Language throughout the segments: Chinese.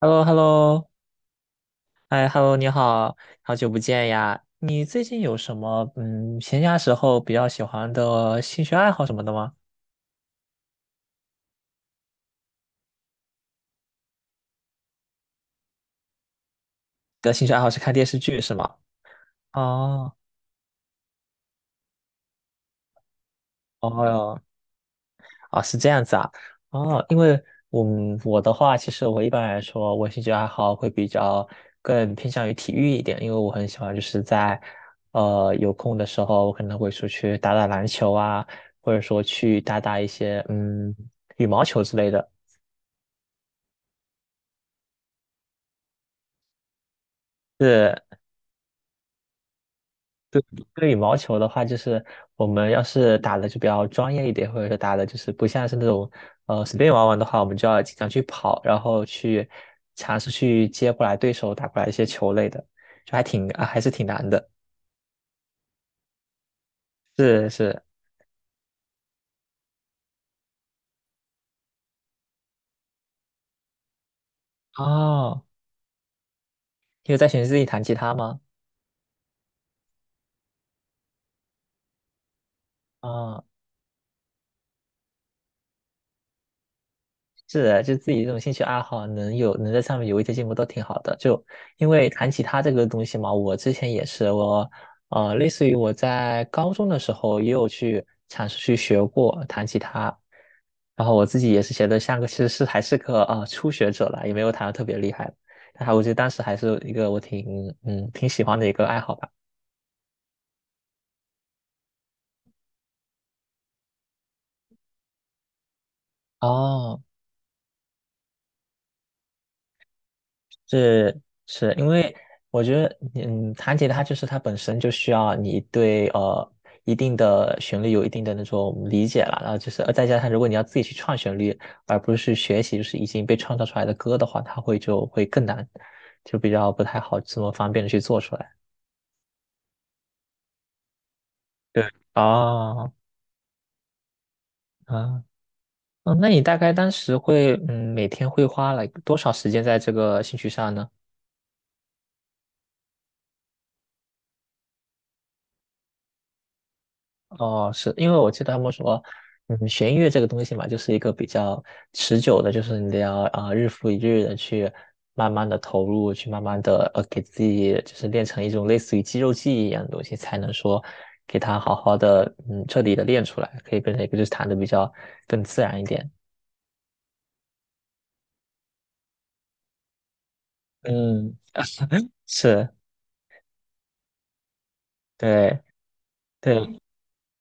h e l l o h e l l o 哎，Hello，你好，好久不见呀！你最近有什么闲暇时候比较喜欢的兴趣爱好什么的吗？你的兴趣爱好是看电视剧是吗？哦，哦哟，啊，是这样子啊，哦，因为我们我的话，其实我一般来说，我兴趣爱好会比较更偏向于体育一点，因为我很喜欢就是在有空的时候，我可能会出去打打篮球啊，或者说去打打一些羽毛球之类的。是。对，对羽毛球的话，就是我们要是打的就比较专业一点，或者说打的就是不像是那种随便玩玩的话，我们就要经常去跑，然后去尝试去接过来对手打过来一些球类的，就还还是挺难的。是是，哦，你有在学自己弹吉他吗？啊、是的，就自己这种兴趣爱好能有能在上面有一些进步都挺好的。就因为弹吉他这个东西嘛，我之前也是我，呃，类似于我在高中的时候也有去尝试去学过弹吉他，然后我自己也是学的像个其实是还是个初学者了，也没有弹的特别厉害，但还我觉得当时还是一个我挺喜欢的一个爱好吧。哦，是是因为我觉得，弹吉他就是它本身就需要你对一定的旋律有一定的那种理解了，然后就是再加上如果你要自己去创旋律，而不是去学习就是已经被创造出来的歌的话，就会更难，就比较不太好这么方便的去做出来。对，哦，啊，嗯，那你大概当时会每天会花了多少时间在这个兴趣上呢？哦，是因为我记得他们说，嗯，学音乐这个东西嘛，就是一个比较持久的，就是你得要日复一日的去慢慢的投入，去慢慢的给自己就是练成一种类似于肌肉记忆一样的东西，才能说给它好好的彻底的练出来，可以变成一个就是弹的比较更自然一点。嗯，是，对对，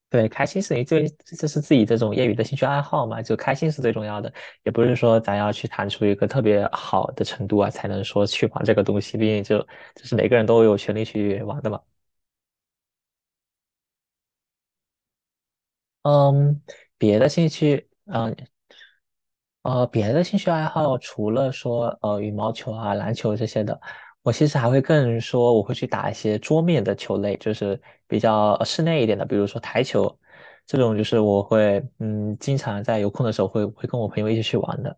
对，开心是你最，就是自己这种业余的兴趣爱好嘛，就开心是最重要的，也不是说咱要去谈出一个特别好的程度啊，才能说去玩这个东西，毕竟就是每个人都有权利去玩的嘛。嗯，别的兴趣，嗯，呃，别的兴趣爱好除了说羽毛球啊、篮球这些的，我其实还会更说我会去打一些桌面的球类，就是比较室内一点的，比如说台球这种，就是我会经常在有空的时候会跟我朋友一起去玩的。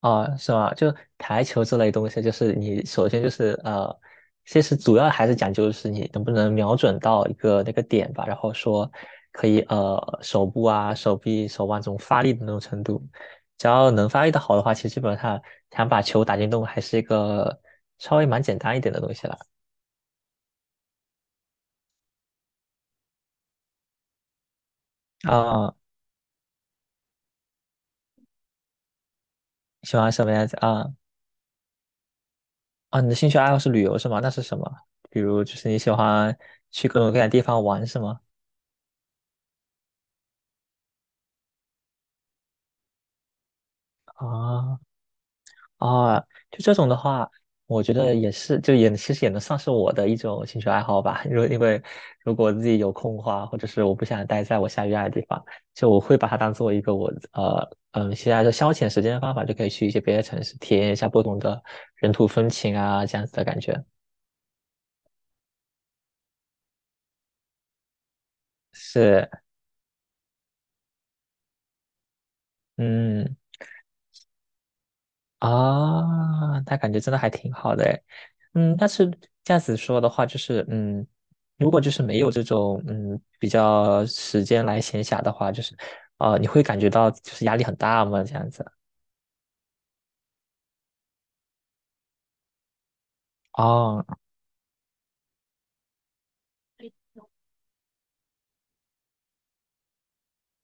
啊，是吗？就台球这类东西，就是你首先就是其实主要还是讲究就是你能不能瞄准到一个那个点吧，然后说可以手部啊、手臂、手腕这种发力的那种程度，只要能发力的好的话，其实基本上想把球打进洞还是一个稍微蛮简单一点的东西了。啊，喜欢什么样子啊？啊，你的兴趣爱好是旅游是吗？那是什么？比如就是你喜欢去各种各样的地方玩是吗？啊，啊，就这种的话，我觉得也是，就也其实也能算是我的一种兴趣爱好吧。因为如果自己有空的话，或者是我不想待在我下雨爱的地方，就我会把它当做一个我现在的消遣时间的方法，就可以去一些别的城市体验一下不同的人土风情啊，这样子的感觉。是，嗯。啊，那感觉真的还挺好的诶。嗯，但是这样子说的话，就是嗯，如果就是没有这种比较时间来闲暇的话，就是你会感觉到就是压力很大吗？这样子？哦，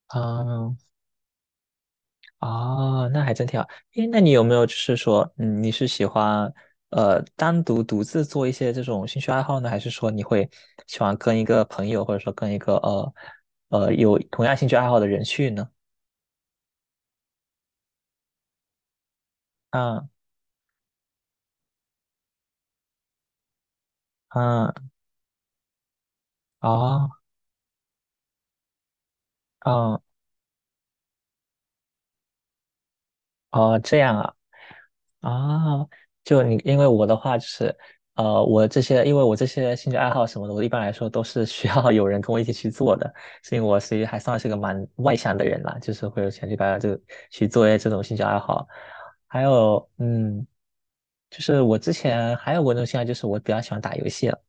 嗯，哦，那还真挺好。诶，那你有没有就是说，嗯，你是喜欢单独独自做一些这种兴趣爱好呢，还是说你会喜欢跟一个朋友，或者说跟一个有同样兴趣爱好的人去呢？啊。啊哦，哦，哦，这样啊，哦，就你，因为我的话就是，呃，我这些，因为我这些兴趣爱好什么的，我一般来说都是需要有人跟我一起去做的，所以我其实还算是个蛮外向的人啦，就是会有钱去把这个去做一些这种兴趣爱好，还有，嗯，就是我之前还有过一种兴趣爱好，就是我比较喜欢打游戏了，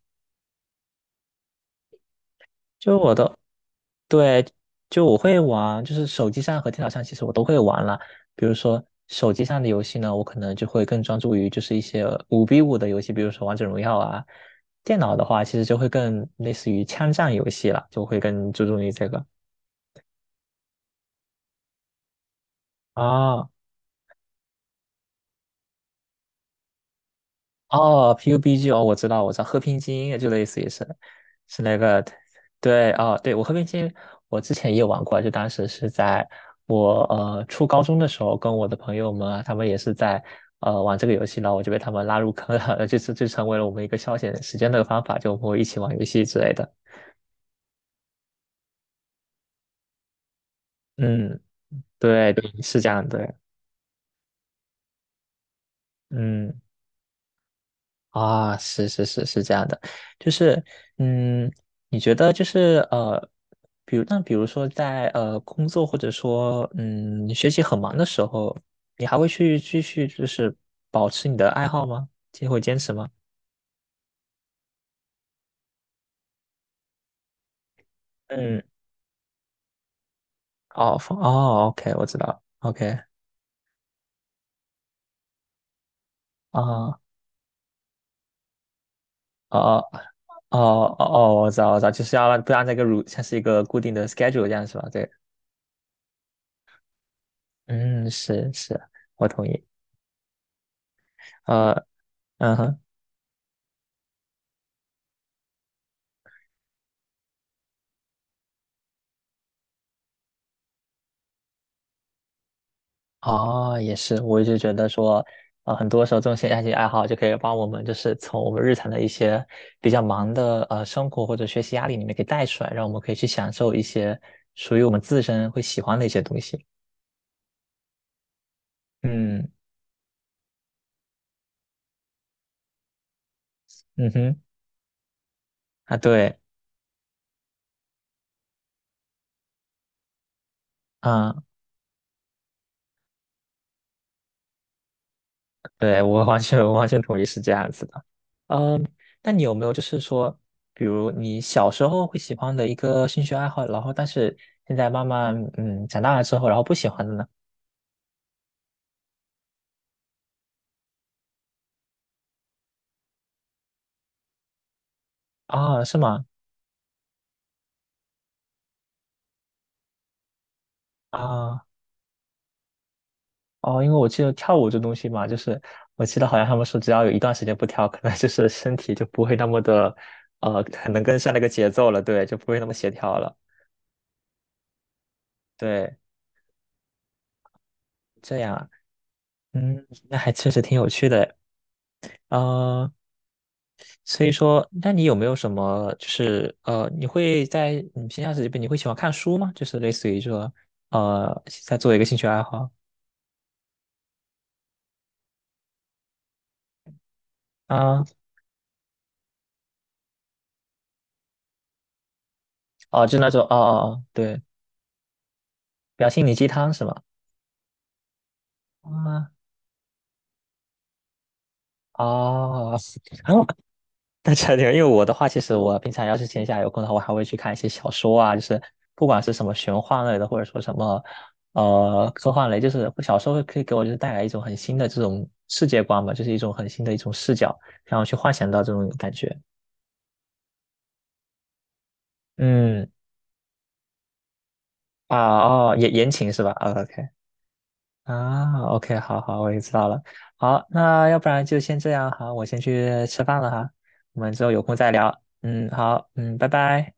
就我的。对，就我会玩，就是手机上和电脑上其实我都会玩了。比如说手机上的游戏呢，我可能就会更专注于就是一些五 v 五的游戏，比如说王者荣耀啊。电脑的话，其实就会更类似于枪战游戏了，就会更注重于这个啊。哦，PUBG 哦，我知道，我知道，和平精英就类似于是，是那个，对，哦，对，我和平精英，我之前也玩过，就当时是在我初高中的时候，跟我的朋友们啊，他们也是在玩这个游戏，然后我就被他们拉入坑了，就成为了我们一个消遣时间的方法，就我们会一起玩游戏之类的。嗯，对,是这样的，嗯。啊，是这样的，就是，嗯，你觉得就是比如比如说在工作或者说你学习很忙的时候，你还会去继续就是保持你的爱好吗？就会坚持吗？嗯，哦放哦，OK，我知道了，OK，啊哦哦哦哦，我知道我知道，就是要让不让那个像是一个固定的 schedule 这样是吧？对，嗯，我同意，呃嗯哼。哦，也是，我一直觉得说，很多时候这种兴趣爱好就可以帮我们，就是从我们日常的一些比较忙的生活或者学习压力里面给带出来，让我们可以去享受一些属于我们自身会喜欢的一些东西。嗯嗯哼，啊对，啊我完全同意是这样子的。嗯，那你有没有就是说，比如你小时候会喜欢的一个兴趣爱好，然后但是现在慢慢长大了之后，然后不喜欢的呢？啊，是吗？啊。哦，因为我记得跳舞这东西嘛，就是我记得好像他们说，只要有一段时间不跳，可能就是身体就不会那么的，很能跟上那个节奏了，对，就不会那么协调了，对，这样，嗯，那还确实挺有趣的，呃，所以说，那你有没有什么，就是你会在你平常时间，你会喜欢看书吗？就是类似于说，在做一个兴趣爱好啊，哦，就那种，哦，对，比较心灵鸡汤是吗？啊，哦。那差点，因为我的话，其实我平常要是闲暇有空的话，我还会去看一些小说啊，就是不管是什么玄幻类的，或者说什么科幻类，小说可以给我就是带来一种很新的这种世界观嘛，就是一种很新的一种视角，让我去幻想到这种感觉。嗯啊哦，言情是吧？啊，OK 啊，OK，好好，我也知道了。好，那要不然就先这样，好，我先去吃饭了哈，我们之后有空再聊。嗯，好，嗯，拜拜。